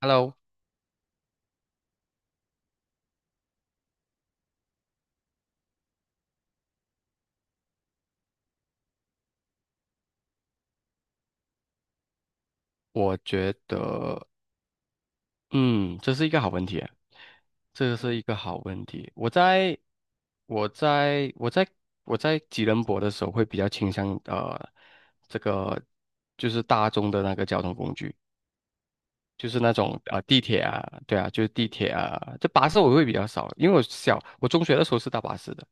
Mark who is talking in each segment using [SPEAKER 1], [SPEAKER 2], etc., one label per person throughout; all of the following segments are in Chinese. [SPEAKER 1] Hello，我觉得，嗯，这是一个好问题，这是一个好问题。我在，我在，我在吉隆坡的时候，会比较倾向这个就是大众的那个交通工具。就是那种地铁啊，对啊，就是地铁啊，这巴士我会比较少，因为我中学的时候是搭巴士的，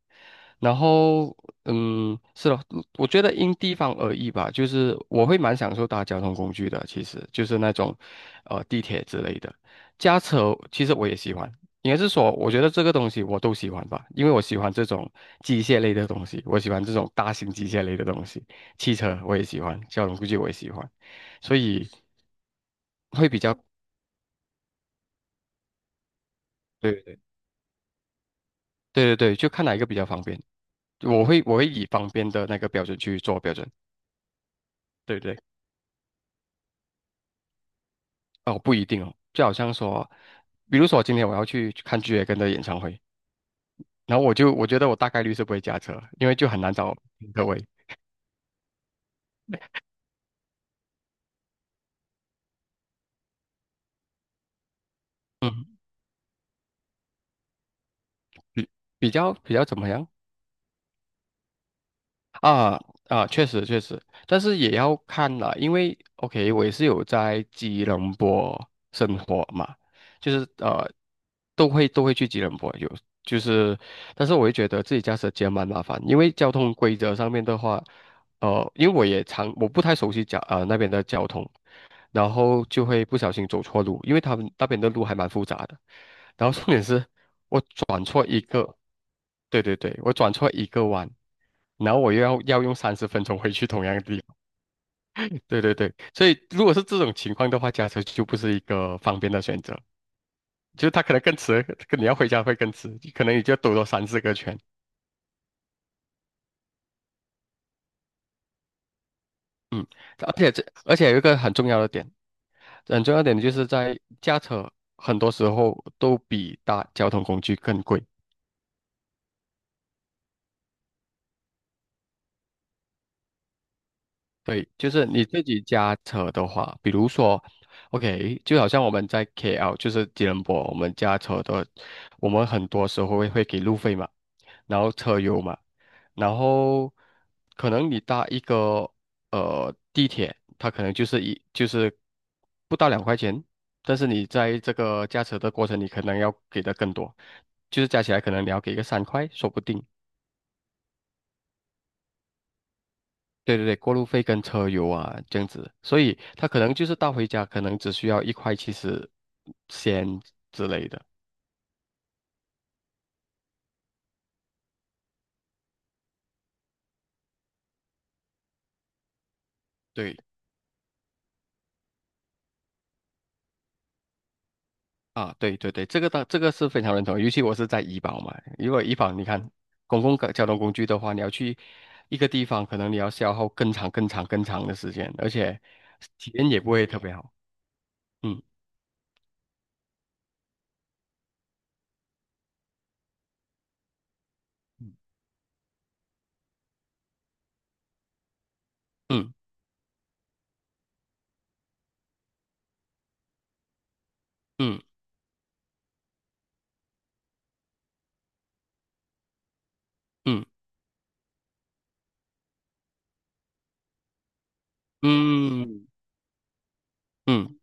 [SPEAKER 1] 然后嗯是的，我觉得因地方而异吧，就是我会蛮享受搭交通工具的，其实就是那种地铁之类的，驾车其实我也喜欢，应该是说我觉得这个东西我都喜欢吧，因为我喜欢这种机械类的东西，我喜欢这种大型机械类的东西，汽车我也喜欢，交通估计我也喜欢，所以会比较。对。对对对，就看哪一个比较方便。我会以方便的那个标准去做标准。对对，哦，不一定哦，就好像说，比如说今天我要去看 g 野根的演唱会，然后我觉得我大概率是不会驾车，因为就很难找停车位。嗯，比比较怎么样？啊啊，确实确实，但是也要看啦，因为 OK，我也是有在吉隆坡生活嘛，就是呃，都会去吉隆坡有，就是，但是我会觉得自己驾车其实蛮麻烦，因为交通规则上面的话，呃，因为我也常我不太熟悉那边的交通，然后就会不小心走错路，因为他们那边的路还蛮复杂的，然后重点是。我转错一个，对对对，我转错一个弯，然后我又要用30分钟回去同样的地方。对对对，所以如果是这种情况的话，驾车就不是一个方便的选择，就是它可能更迟，跟你要回家会更迟，可能你就要兜多三四个圈。而且有一个很重要的点，很重要的点就是在驾车很多时候都比搭交通工具更贵。对，就是你自己驾车的话，比如说，OK，就好像我们在 KL，就是吉隆坡，我们驾车的，我们很多时候会给路费嘛，然后车油嘛，然后可能你搭一个地铁，它可能就是一就是不到2块钱，但是你在这个驾车的过程，你可能要给的更多，就是加起来可能你要给个3块，说不定。对对对，过路费跟车油啊，这样子，所以他可能就是到回家，可能只需要1块70先之类的。对啊，对对对，这个当这个是非常认同，尤其我是在怡保嘛，如果怡保你看公共交通工具的话，你要去一个地方，可能你要消耗更长、更长、更长的时间，而且体验也不会特别好。嗯嗯嗯嗯嗯嗯嗯，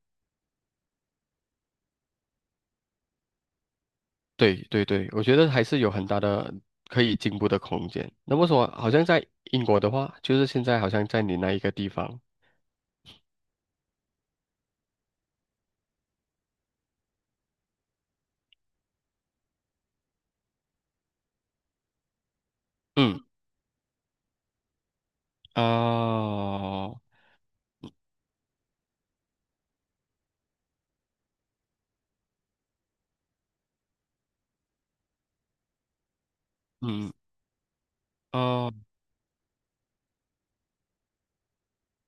[SPEAKER 1] 对对对，我觉得还是有很大的可以进步的空间。那么说，好像在英国的话，就是现在好像在你那一个地方，嗯啊，嗯啊，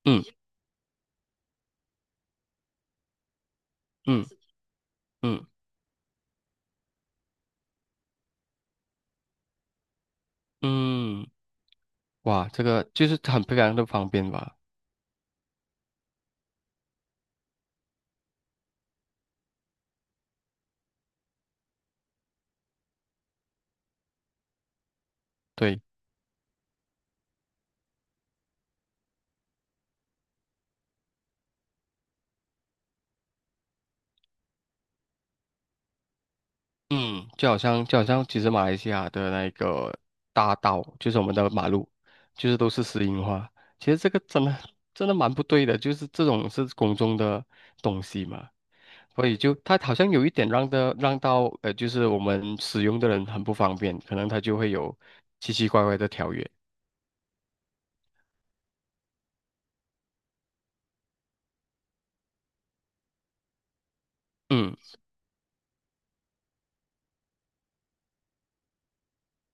[SPEAKER 1] 嗯嗯嗯嗯，哇，这个就是很非常的方便吧？对。嗯，就好像就好像其实马来西亚的那个大道，就是我们的马路，就是都是石英花。其实这个真的真的蛮不对的，就是这种是公众的东西嘛，所以就它好像有一点让的让到，就是我们使用的人很不方便，可能它就会有奇奇怪怪的条约。嗯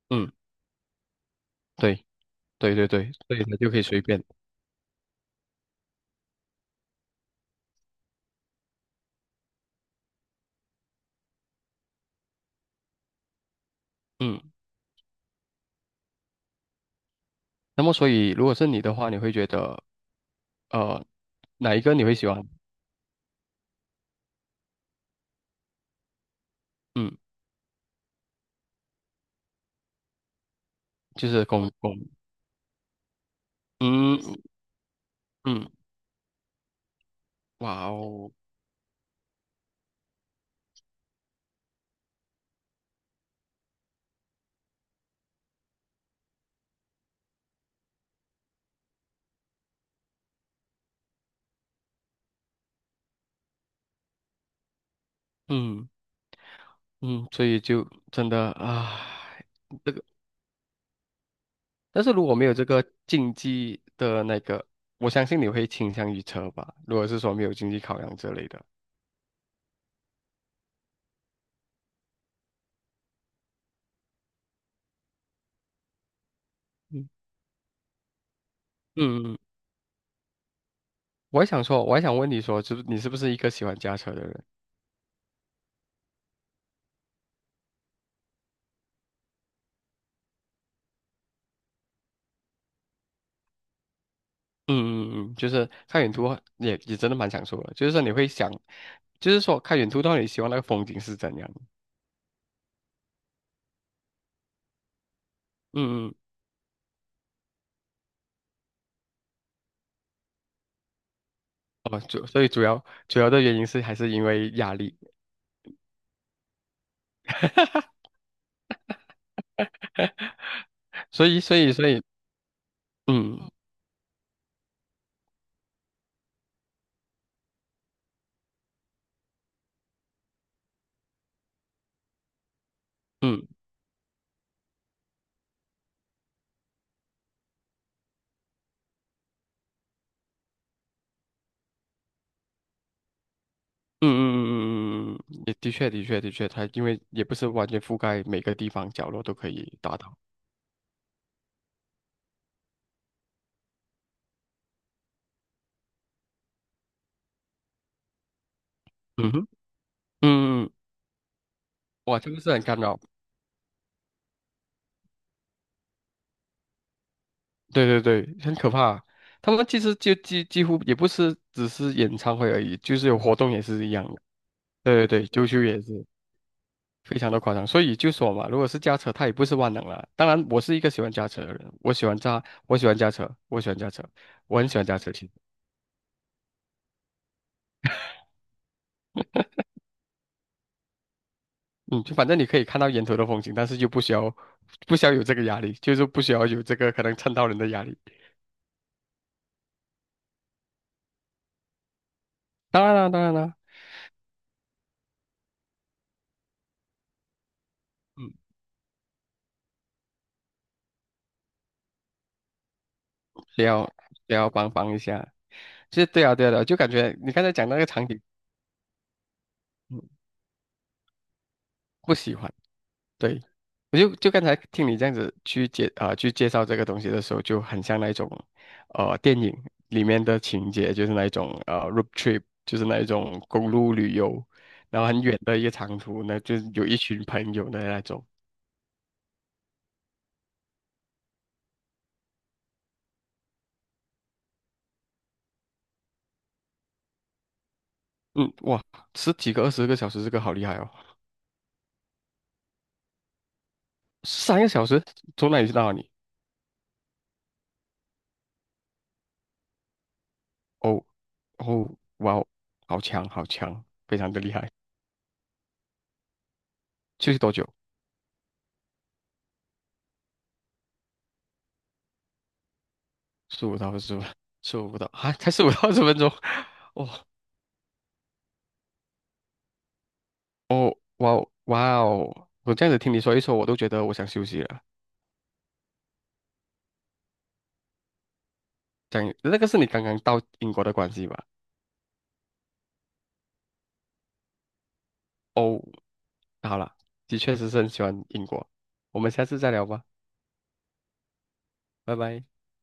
[SPEAKER 1] 嗯，对对对对，所以它就可以随便。嗯，那么所以如果是你的话，你会觉得呃哪一个你会喜欢？嗯，就是公公。嗯，嗯，哇哦，嗯嗯，所以就真的啊，这个，但是如果没有这个竞技的那个，我相信你会倾向于车吧？如果是说没有经济考量之类的，嗯嗯嗯，我还想说，我还想问你说，就是你是不是一个喜欢驾车的人？嗯嗯嗯，就是看远途也也真的蛮享受的，就是说你会想，就是说看远途到底希望那个风景是怎样？嗯嗯，哦，所以主要的原因是还是因为压力，所以，嗯，嗯嗯嗯嗯嗯嗯，嗯也的确的确的确，它因为也不是完全覆盖每个地方角落都可以达到。嗯哼，嗯，嗯嗯哇，这个是很干扰，对对对，很可怕。他们其实就几乎也不是只是演唱会而已，就是有活动也是一样的。对对对，啾啾也是非常的夸张。所以就说嘛，如果是驾车，它也不是万能了。当然，我是一个喜欢驾车的人，我喜欢驾车，我喜欢驾车，我很喜欢驾车。嗯，就反正你可以看到沿途的风景，但是就不需要不需要有这个压力，就是不需要有这个可能蹭到人的压力。当然啦，当然啦，嗯，也要也要帮帮一下，其实对啊对啊对啊，就感觉你刚才讲那个场景，嗯，不喜欢。对，我刚才听你这样子去去介绍这个东西的时候，就很像那种电影里面的情节，就是那一种road trip，就是那一种公路旅游，然后很远的一个长途，那就是有一群朋友的那种。嗯，哇，十几个、20个小时，这个好厉害哦！3个小时从哪里到哪里？哦，哦，哇哦，好强，好强，非常的厉害。休息多久？十五到二十分，十五不到啊，才15到20分钟。哦，哦，哇哦，哇哦！我这样子听你说一说，我都觉得我想休息了。讲那个是你刚刚到英国的关系吧？哦，好了，的确是很喜欢英国。我们下次再聊吧，拜拜。